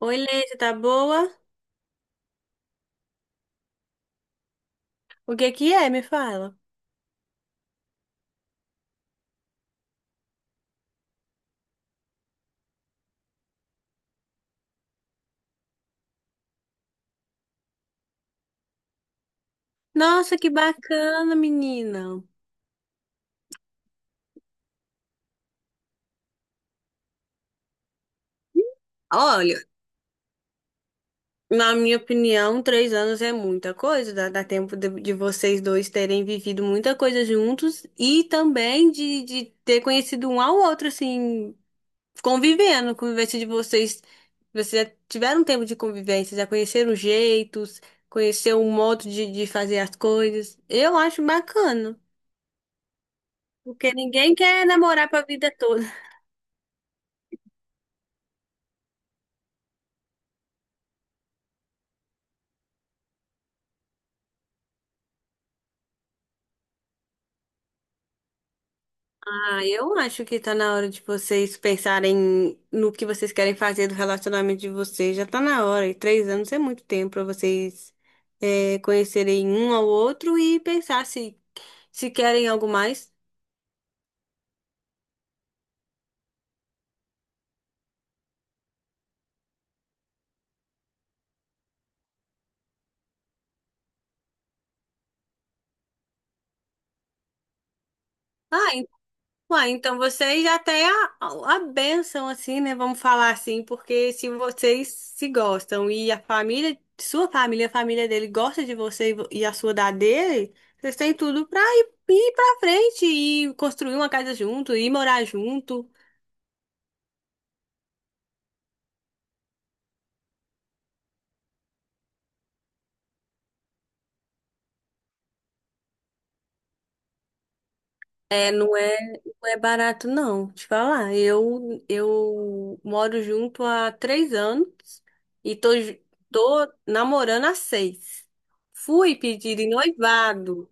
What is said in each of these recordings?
Oi, Leite, tá boa? O que que é? Me fala. Nossa, que bacana, menina. Olha, na minha opinião, 3 anos é muita coisa. Dá tempo de vocês dois terem vivido muita coisa juntos e também de ter conhecido um ao outro, assim, convivendo, convivência de vocês. Vocês já tiveram tempo de convivência, já conheceram jeitos, conheceram um modo de fazer as coisas. Eu acho bacana, porque ninguém quer namorar pra vida toda. Ah, eu acho que tá na hora de vocês pensarem no que vocês querem fazer do relacionamento de vocês. Já tá na hora, e 3 anos é muito tempo pra vocês conhecerem um ao outro e pensar se querem algo mais. Ah, ué, então vocês já têm a bênção, assim, né? Vamos falar assim, porque se vocês se gostam e a família, sua família, a família dele gosta de você e e a sua da dele, vocês têm tudo pra ir pra frente e construir uma casa junto, e morar junto. É, não é, não é barato, não, te falar. Eu moro junto há 3 anos e tô namorando há seis. Fui pedir em noivado.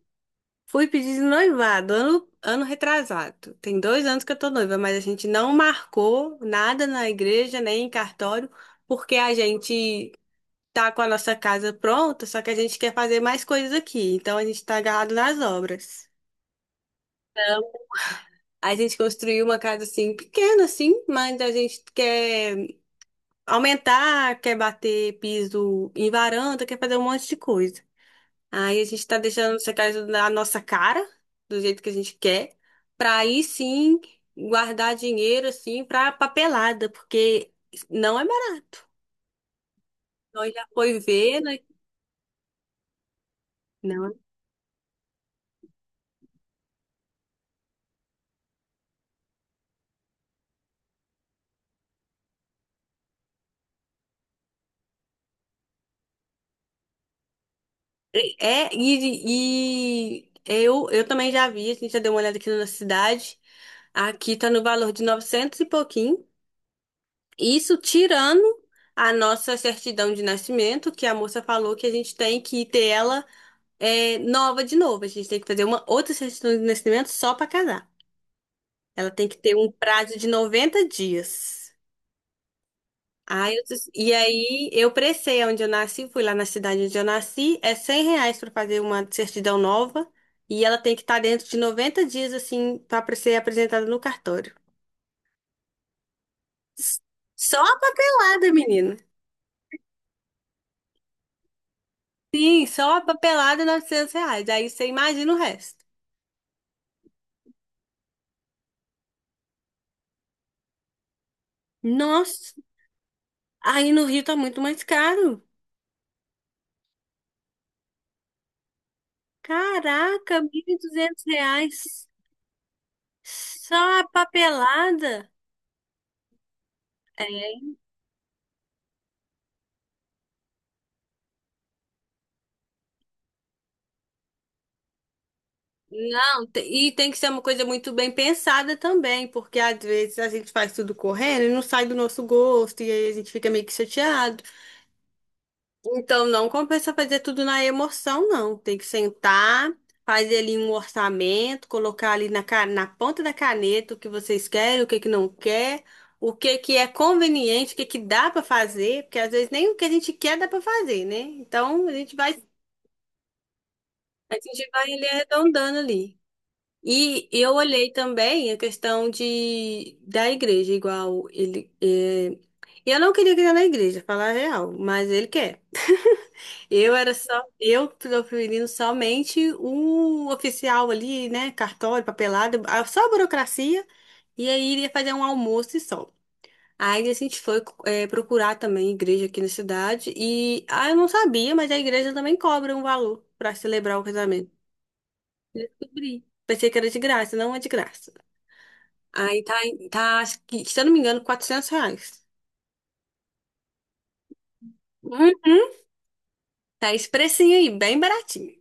Fui pedir de noivado, ano retrasado. Tem 2 anos que eu tô noiva, mas a gente não marcou nada na igreja, nem em cartório, porque a gente tá com a nossa casa pronta, só que a gente quer fazer mais coisas aqui. Então a gente tá agarrado nas obras. Então a gente construiu uma casa assim, pequena assim, mas a gente quer aumentar, quer bater piso em varanda, quer fazer um monte de coisa. Aí a gente tá deixando secar isso na nossa cara, do jeito que a gente quer, pra aí sim guardar dinheiro assim pra papelada, porque não é maravilhoso, já foi ver, né? Não. É, e eu também já vi, a gente já deu uma olhada aqui na nossa cidade. Aqui tá no valor de 900 e pouquinho. Isso tirando a nossa certidão de nascimento, que a moça falou que a gente tem que ter ela é nova de novo. A gente tem que fazer uma outra certidão de nascimento só para casar. Ela tem que ter um prazo de 90 dias. E aí eu pressei onde eu nasci, fui lá na cidade onde eu nasci, é R$ 100 para fazer uma certidão nova e ela tem que estar dentro de 90 dias assim para ser apresentada no cartório. S- Só a papelada, menina. Sim, só a papelada R$ 900. Aí você imagina o resto. Nossa, aí no Rio tá muito mais caro. Caraca, R$ 1.200 só a papelada. Não, e tem que ser uma coisa muito bem pensada também, porque às vezes a gente faz tudo correndo e não sai do nosso gosto, e aí a gente fica meio que chateado. Então, não compensa fazer tudo na emoção, não. Tem que sentar, fazer ali um orçamento, colocar ali na ponta da caneta o que vocês querem, o que que não quer, o que que é conveniente, o que que dá para fazer, porque às vezes nem o que a gente quer dá para fazer, né? Então, a gente vai ali arredondando ali. E eu olhei também a questão de, da igreja, igual ele. Eu não queria criar na igreja, falar a real, mas ele quer. Eu era só, eu proferindo somente o oficial ali, né? Cartório, papelada, só a burocracia, e aí iria fazer um almoço e só. Aí a gente foi procurar também igreja aqui na cidade, e ah, eu não sabia, mas a igreja também cobra um valor para celebrar o casamento. Descobri. Pensei que era de graça, não é de graça. Aí tá, tá, acho que, se eu não me engano, R$ 400. Uhum. Tá esse precinho aí, bem baratinho.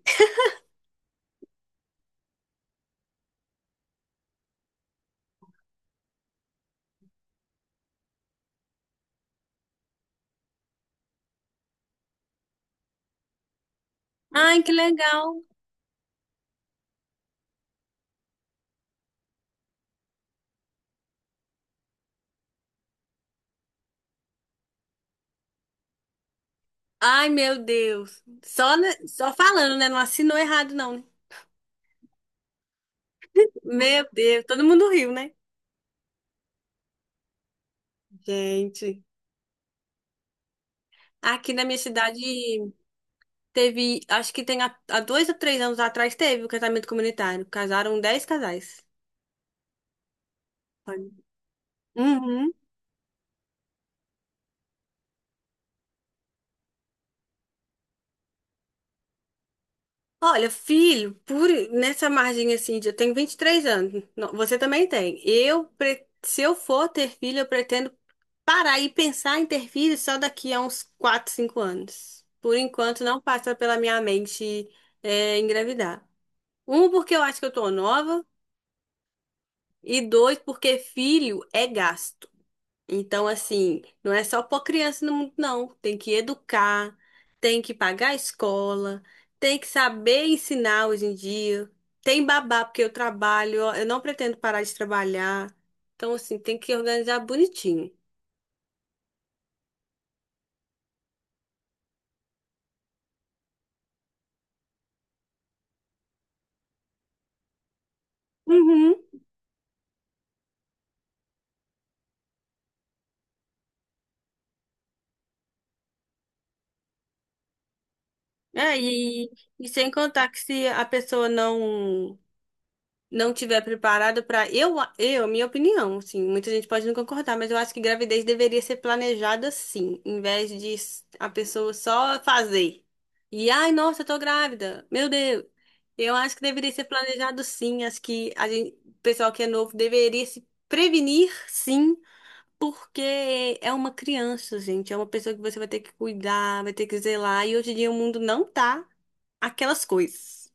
Ai, que legal. Ai, meu Deus. Só, só falando, né? Não assinou errado, não. Né? Meu Deus, todo mundo riu, né? Gente, aqui na minha cidade teve, acho que tem há 2 ou 3 anos atrás teve o casamento comunitário. Casaram 10 casais. Olha. Uhum. Olha, filho, por nessa margem assim, eu tenho 23 anos. Não, você também tem. Se eu for ter filho, eu pretendo parar e pensar em ter filho só daqui a uns 4, 5 anos. Por enquanto, não passa pela minha mente, engravidar. Um, porque eu acho que eu tô nova, e dois, porque filho é gasto. Então, assim, não é só pôr criança no mundo, não. Tem que educar, tem que pagar a escola, tem que saber ensinar hoje em dia. Tem babá, porque eu trabalho, ó, eu não pretendo parar de trabalhar. Então, assim, tem que organizar bonitinho. Uhum. É, e sem contar que se a pessoa não tiver preparado para minha opinião, assim, muita gente pode não concordar, mas eu acho que gravidez deveria ser planejada sim, em vez de a pessoa só fazer. E ai, nossa, eu tô grávida. Meu Deus. Eu acho que deveria ser planejado sim, acho que a gente, o pessoal que é novo deveria se prevenir sim, porque é uma criança, gente, é uma pessoa que você vai ter que cuidar, vai ter que zelar, e hoje em dia o mundo não tá aquelas coisas.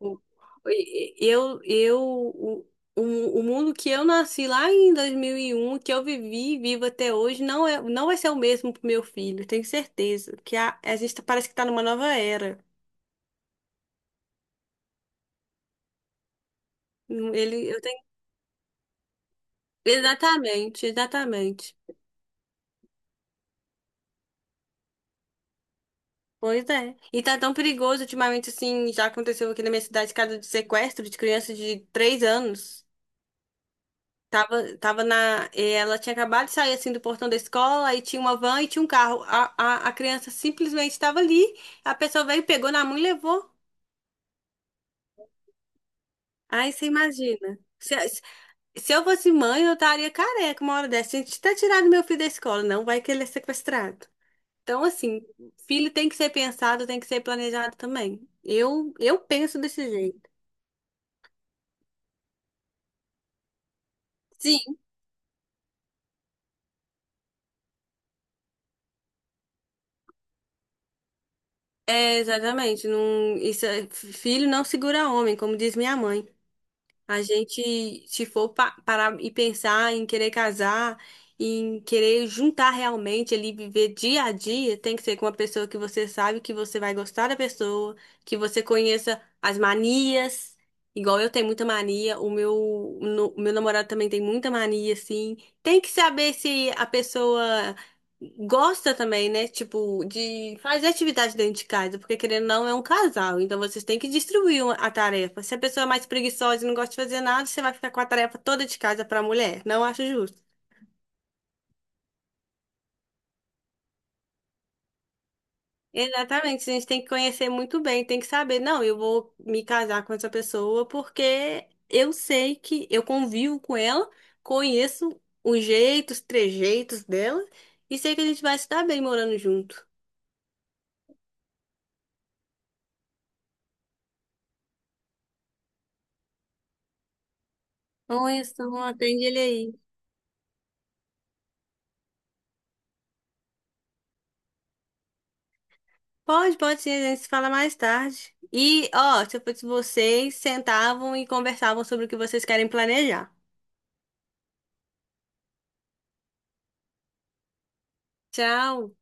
O- e- eu, o mundo que eu nasci lá em 2001 que eu vivi e vivo até hoje, não é, não vai ser o mesmo pro meu filho, tenho certeza. Que a gente parece que tá numa nova era. Ele, eu tenho... Exatamente, exatamente. Pois é. E tá tão perigoso ultimamente, assim, já aconteceu aqui na minha cidade, caso de sequestro de crianças de 3 anos. Tava, tava na. E Ela tinha acabado de sair assim do portão da escola, aí tinha uma van e tinha um carro. A criança simplesmente estava ali, a pessoa veio, pegou na mão e levou. Aí você imagina. Se eu fosse mãe, eu estaria careca uma hora dessa. Gente, tá tirando meu filho da escola, não vai que ele é sequestrado. Então, assim, filho tem que ser pensado, tem que ser planejado também. Eu penso desse jeito. Sim, é, exatamente. Não, isso, filho não segura homem, como diz minha mãe. A gente, se for parar e pensar em querer casar, em querer juntar realmente ali, viver dia a dia, tem que ser com uma pessoa que você sabe que você vai gostar da pessoa, que você conheça as manias. Igual eu tenho muita mania, o meu, o meu namorado também tem muita mania, assim. Tem que saber se a pessoa gosta também, né? Tipo, de fazer atividade dentro de casa, porque querendo ou não, é um casal. Então vocês têm que distribuir a tarefa. Se a pessoa é mais preguiçosa e não gosta de fazer nada, você vai ficar com a tarefa toda de casa para a mulher. Não acho justo. Exatamente, a gente tem que conhecer muito bem, tem que saber, não, eu vou me casar com essa pessoa porque eu sei que eu convivo com ela, conheço os jeitos, trejeitos dela e sei que a gente vai se dar bem morando junto. Olha só, atende ele aí. Pode, pode sim, a gente se fala mais tarde. E, ó, se eu fosse vocês, sentavam e conversavam sobre o que vocês querem planejar. Tchau!